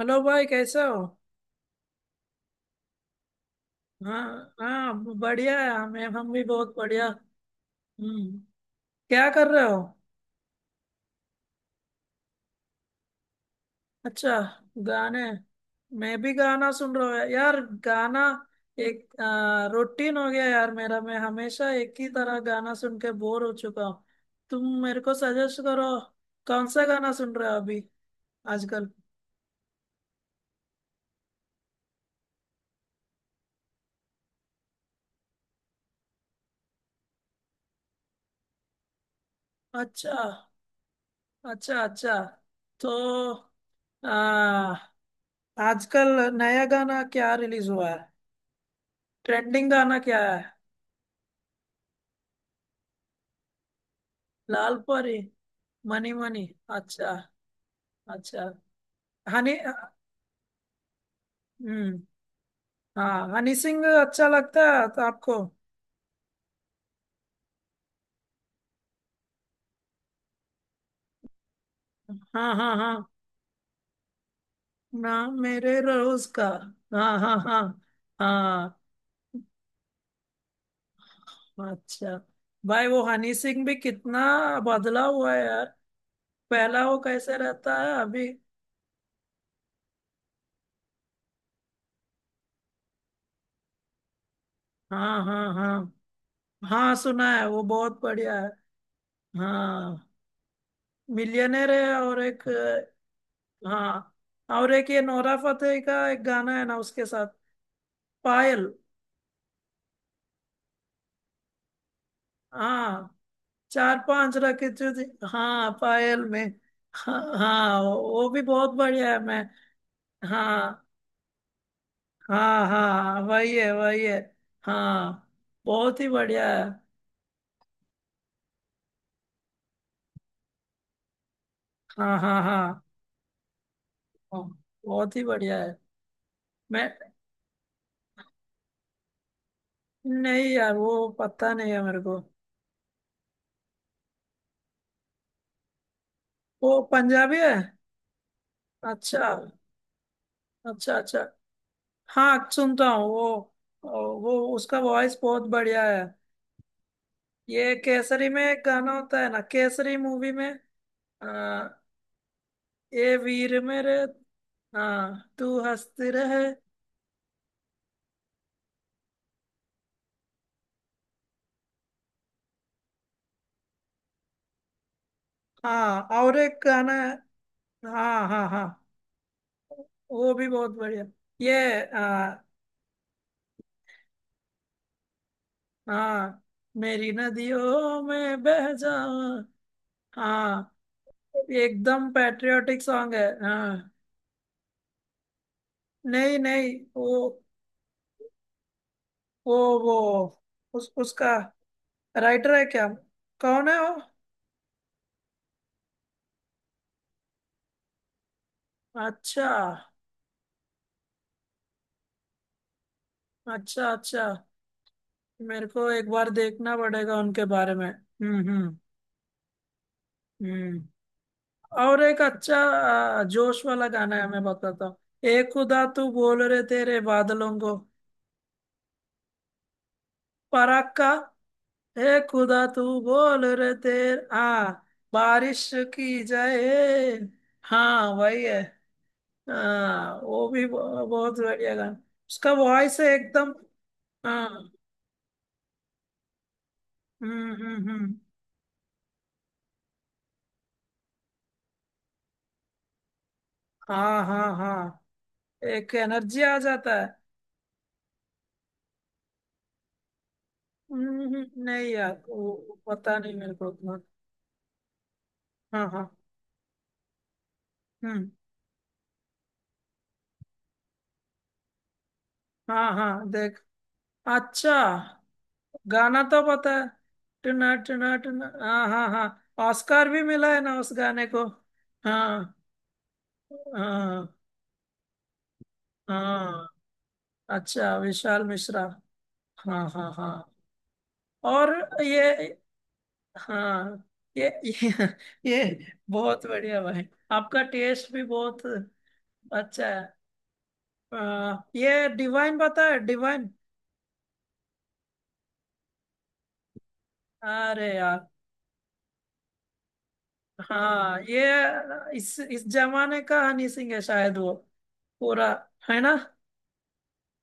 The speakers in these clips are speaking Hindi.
हेलो भाई, कैसे हो? हाँ। हाँ। बढ़िया है हमें, हम भी बहुत बढ़िया। हम्म। क्या कर रहे हो? अच्छा, गाने। मैं भी गाना सुन रहा हूँ यार, गाना एक रूटीन हो गया यार मेरा। मैं हमेशा एक ही तरह गाना सुन के बोर हो चुका हूँ। तुम मेरे को सजेस्ट करो, कौन सा गाना सुन रहे हो अभी, आजकल? अच्छा, अच्छा अच्छा। तो आ, आजकल नया गाना क्या रिलीज हुआ है? ट्रेंडिंग गाना क्या है? लाल परी। Money money. अच्छा। अच्छा। हनी। हम्म। हाँ, हनी सिंह अच्छा लगता है तो आपको? हाँ हाँ हाँ। ना मेरे रोज का। हाँ हाँ हाँ। हाँ। अच्छा। भाई वो हनी सिंह भी कितना बदला हुआ है यार। पहला वो कैसे रहता है अभी? हाँ हाँ हाँ। हाँ सुना है, वो बहुत बढ़िया है। हाँ, मिलियनेर है। और एक, हाँ, और एक ये नोरा फतेही का एक गाना है ना उसके साथ, पायल। हाँ, चार पांच रखे थे जी। हाँ, पायल में। हाँ हाँ, वो भी बहुत बढ़िया है। मैं हाँ हाँ हाँ, वही है वही है। हाँ, बहुत ही बढ़िया है। हाँ हाँ हाँ। हाँ, बहुत ही बढ़िया है। मैं नहीं यार, वो पता नहीं है मेरे को। वो पंजाबी है? अच्छा। अच्छा अच्छा। हाँ, सुनता हूँ वो। वो उसका वॉइस बहुत बढ़िया है। ये केसरी में एक गाना होता है ना, केसरी मूवी में। आ, ए वीर मेरे। हाँ, तू हंसती रहे। हाँ, और एक गाना है। हाँ हाँ हाँ, वो भी बहुत बढ़िया। ये हाँ, मेरी नदियों में बह जाऊं। हाँ, एकदम पैट्रियोटिक सॉन्ग है। हाँ, नहीं नहीं, वो वो उस उसका राइटर है क्या? कौन है वो? अच्छा, अच्छा अच्छा। मेरे को एक बार देखना पड़ेगा उनके बारे में। हम्म। हम्म। और एक अच्छा जोश वाला गाना है, मैं बताता हूँ। ए खुदा तू बोल रहे तेरे बादलों को। फराक का। ए खुदा तू बोल रहे तेरे, हाँ, बारिश की जाए। हाँ वही है। हाँ, वो भी बहुत बढ़िया गाना। उसका वॉइस है एकदम। हाँ। हम्म। हाँ हाँ हाँ, एक एनर्जी आ जाता है। नहीं यार, वो पता नहीं मेरे को उतना। हाँ हाँ। हम्म। हाँ हाँ, देख। अच्छा, गाना तो पता है। टना टना टना, हाँ हाँ हाँ, ऑस्कार भी मिला है ना उस गाने को। हाँ हाँ हाँ। अच्छा, विशाल मिश्रा। हाँ हाँ हाँ। और ये हाँ, ये ये, ये बहुत बढ़िया भाई, आपका टेस्ट भी बहुत अच्छा है। ये डिवाइन पता है, डिवाइन? अरे यार। हाँ, ये इस जमाने का हनी सिंह है शायद, वो पूरा, है ना?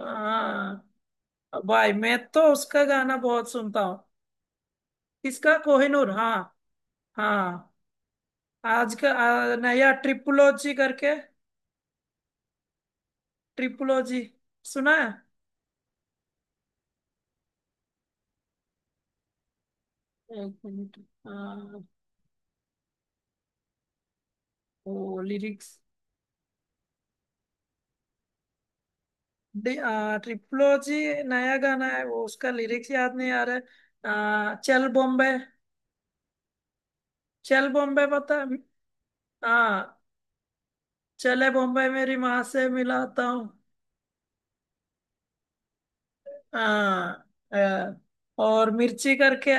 हाँ भाई, मैं तो उसका गाना बहुत सुनता हूँ। इसका कोहिनूर। हाँ। हाँ। आज का नया ट्रिपुलोजी करके। ट्रिपुलोजी सुना है? एक मिनट। हाँ, वो लिरिक्स, ट्रिपुलोजी नया गाना है वो, उसका लिरिक्स याद नहीं आ रहा है। चल बॉम्बे। चल बॉम्बे पता है? हाँ, चले बॉम्बे मेरी माँ से मिलाता हूँ। हाँ। हाँ। और मिर्ची करके।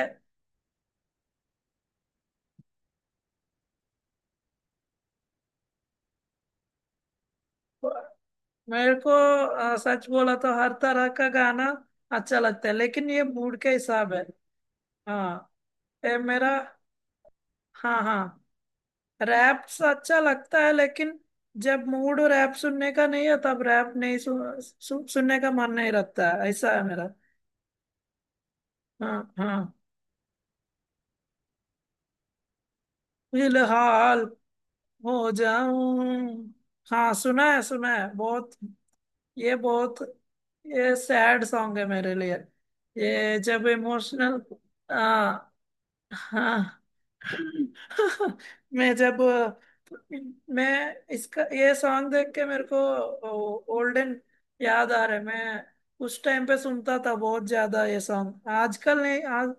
मेरे को सच बोला तो हर तरह का गाना अच्छा लगता है, लेकिन ये मूड के हिसाब है। हाँ। ये मेरा हाँ हाँ। रैप अच्छा लगता है, लेकिन जब मूड रैप सुनने का नहीं है तब रैप नहीं सु, सु, सुनने का मन नहीं रहता है, ऐसा है मेरा। हाँ हाँ। फिलहाल हो जाऊं। हाँ, सुना है बहुत। ये बहुत, ये सैड सॉन्ग है मेरे लिए। ये जब इमोशनल। हाँ। हाँ। मैं जब मैं इसका ये सॉन्ग देख के मेरे को ओल्डन याद आ रहा है। मैं उस टाइम पे सुनता था बहुत ज्यादा ये सॉन्ग, आजकल नहीं। आज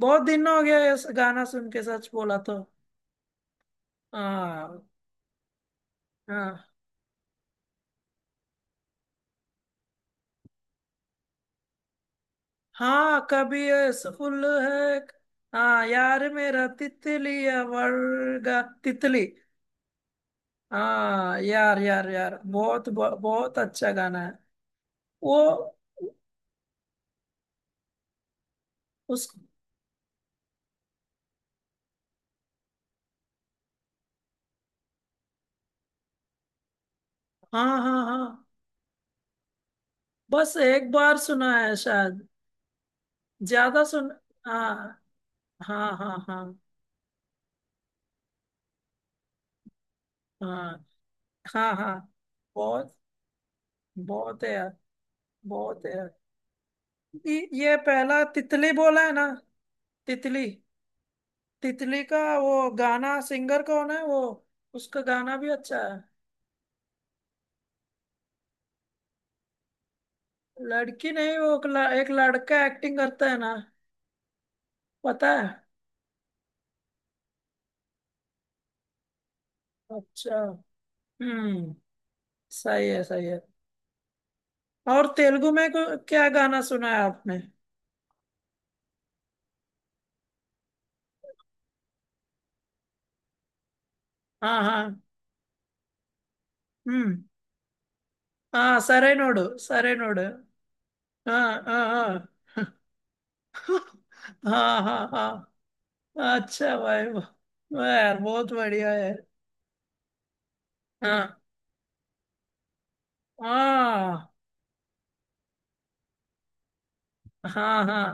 बहुत दिन हो गया ये गाना सुन के, सच बोला तो। हाँ हाँ हाँ। कभी फुल है। हाँ यार मेरा तितली या वर्गा, तितली। हाँ यार यार यार, बहुत बहुत अच्छा गाना है। वो उस हाँ हाँ हाँ, बस एक बार सुना है शायद, ज्यादा सुन हाँ हाँ हाँ। हाँ। हाँ हाँ। हाँ, बहुत बहुत है यार, बहुत है यार। ये ये पहला तितली बोला है ना, तितली। तितली का वो गाना सिंगर कौन है वो? उसका गाना भी अच्छा है। लड़की नहीं, वो एक एक लड़का एक्टिंग करता है ना, पता है? अच्छा। हम्म। सही है सही है। और तेलुगु में क्या गाना सुना है आपने? हाँ हाँ। हम्म। हाँ, सरे नोडु सरे नोडु। हाँ हाँ हाँ। हाँ हाँ हाँ। अच्छा भाई, वाह यार, बहुत बढ़िया है। हाँ हाँ हाँ। हाँ,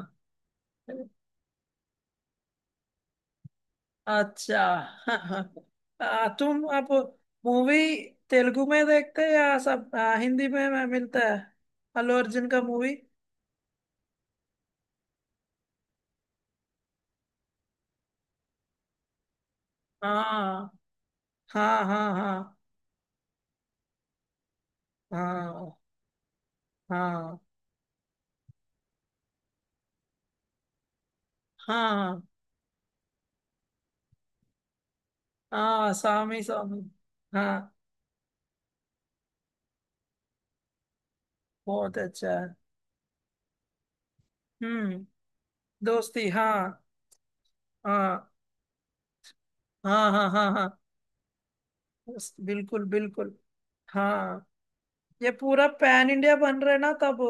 अच्छा। हाँ हाँ। तुम अब मूवी तेलुगु में देखते हैं या सब हिंदी में मिलता है, अल्लू अर्जुन का मूवी? हाँ हाँ हाँ। हाँ हाँ हाँ। हाँ। हाँ स्वामी स्वामी। हाँ, बहुत अच्छा है। हम्म। दोस्ती, हाँ। हाँ हाँ हाँ हाँ। हाँ। उस- बिल्कुल बिल्कुल। हाँ, ये पूरा पैन इंडिया बन रहा है ना तब,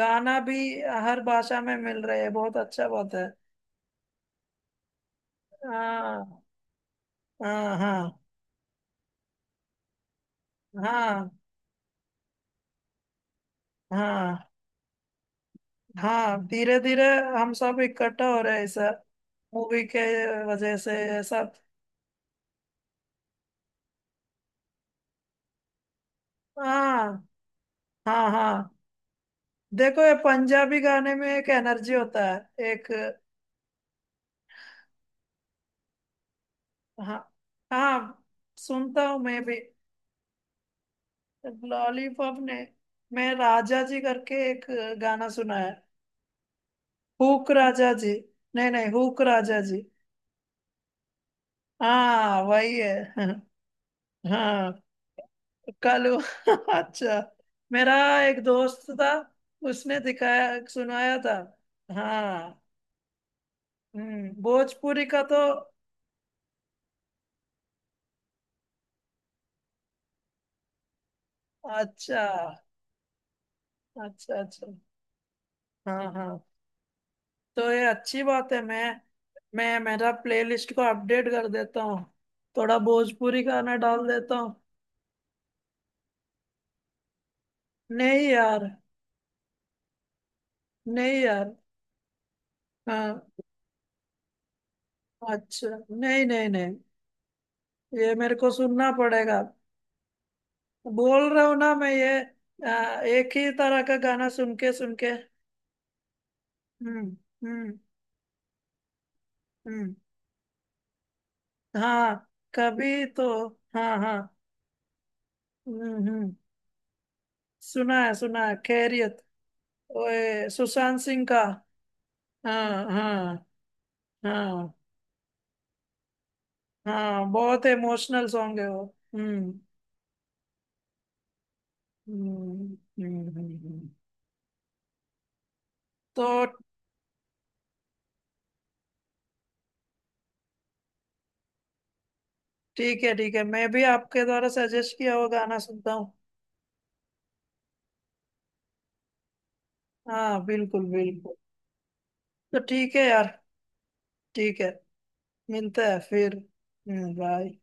गाना भी हर भाषा में मिल रहे है, बहुत अच्छा बात है। हाँ। हाँ हाँ। हाँ। हाँ। हाँ, धीरे धीरे हम सब इकट्ठा हो रहे हैं ऐसा, मूवी के वजह से ये सब। हाँ। हाँ हाँ। देखो ये पंजाबी गाने में एक एनर्जी होता है, एक। हाँ। हाँ, सुनता हूँ मैं भी। लॉलीपॉप ने मैं राजा जी करके एक गाना सुना है। हुक राजा जी, नहीं नहीं, हुक राजा जी। हाँ वही है। हाँ, कालू। अच्छा, मेरा एक दोस्त था, उसने दिखाया सुनाया था। हाँ। हम्म, भोजपुरी का तो। अच्छा, अच्छा अच्छा। हाँ हाँ। तो ये अच्छी बात है। मैं मेरा प्लेलिस्ट को अपडेट कर देता हूँ, थोड़ा भोजपुरी गाना डाल देता हूँ। नहीं यार। नहीं यार। हाँ। अच्छा। नहीं नहीं नहीं, ये मेरे को सुनना पड़ेगा। बोल रहा हूँ ना मैं, ये एक ही तरह का गाना सुन के सुन के। हम्म हम्म हम्म। हाँ कभी तो। हाँ हाँ। हम्म, सुना है सुना है, खैरियत, ओए सुशांत सिंह का। हाँ हाँ हाँ। हाँ, बहुत इमोशनल सॉन्ग है वो। हम्म। हम्म हम्म हम्म, हम्म। तो ठीक है ठीक है, मैं भी आपके द्वारा सजेस्ट किया हुआ गाना सुनता हूँ। हाँ बिल्कुल बिल्कुल। तो ठीक है यार। ठीक है। मिलता है फिर। बाय।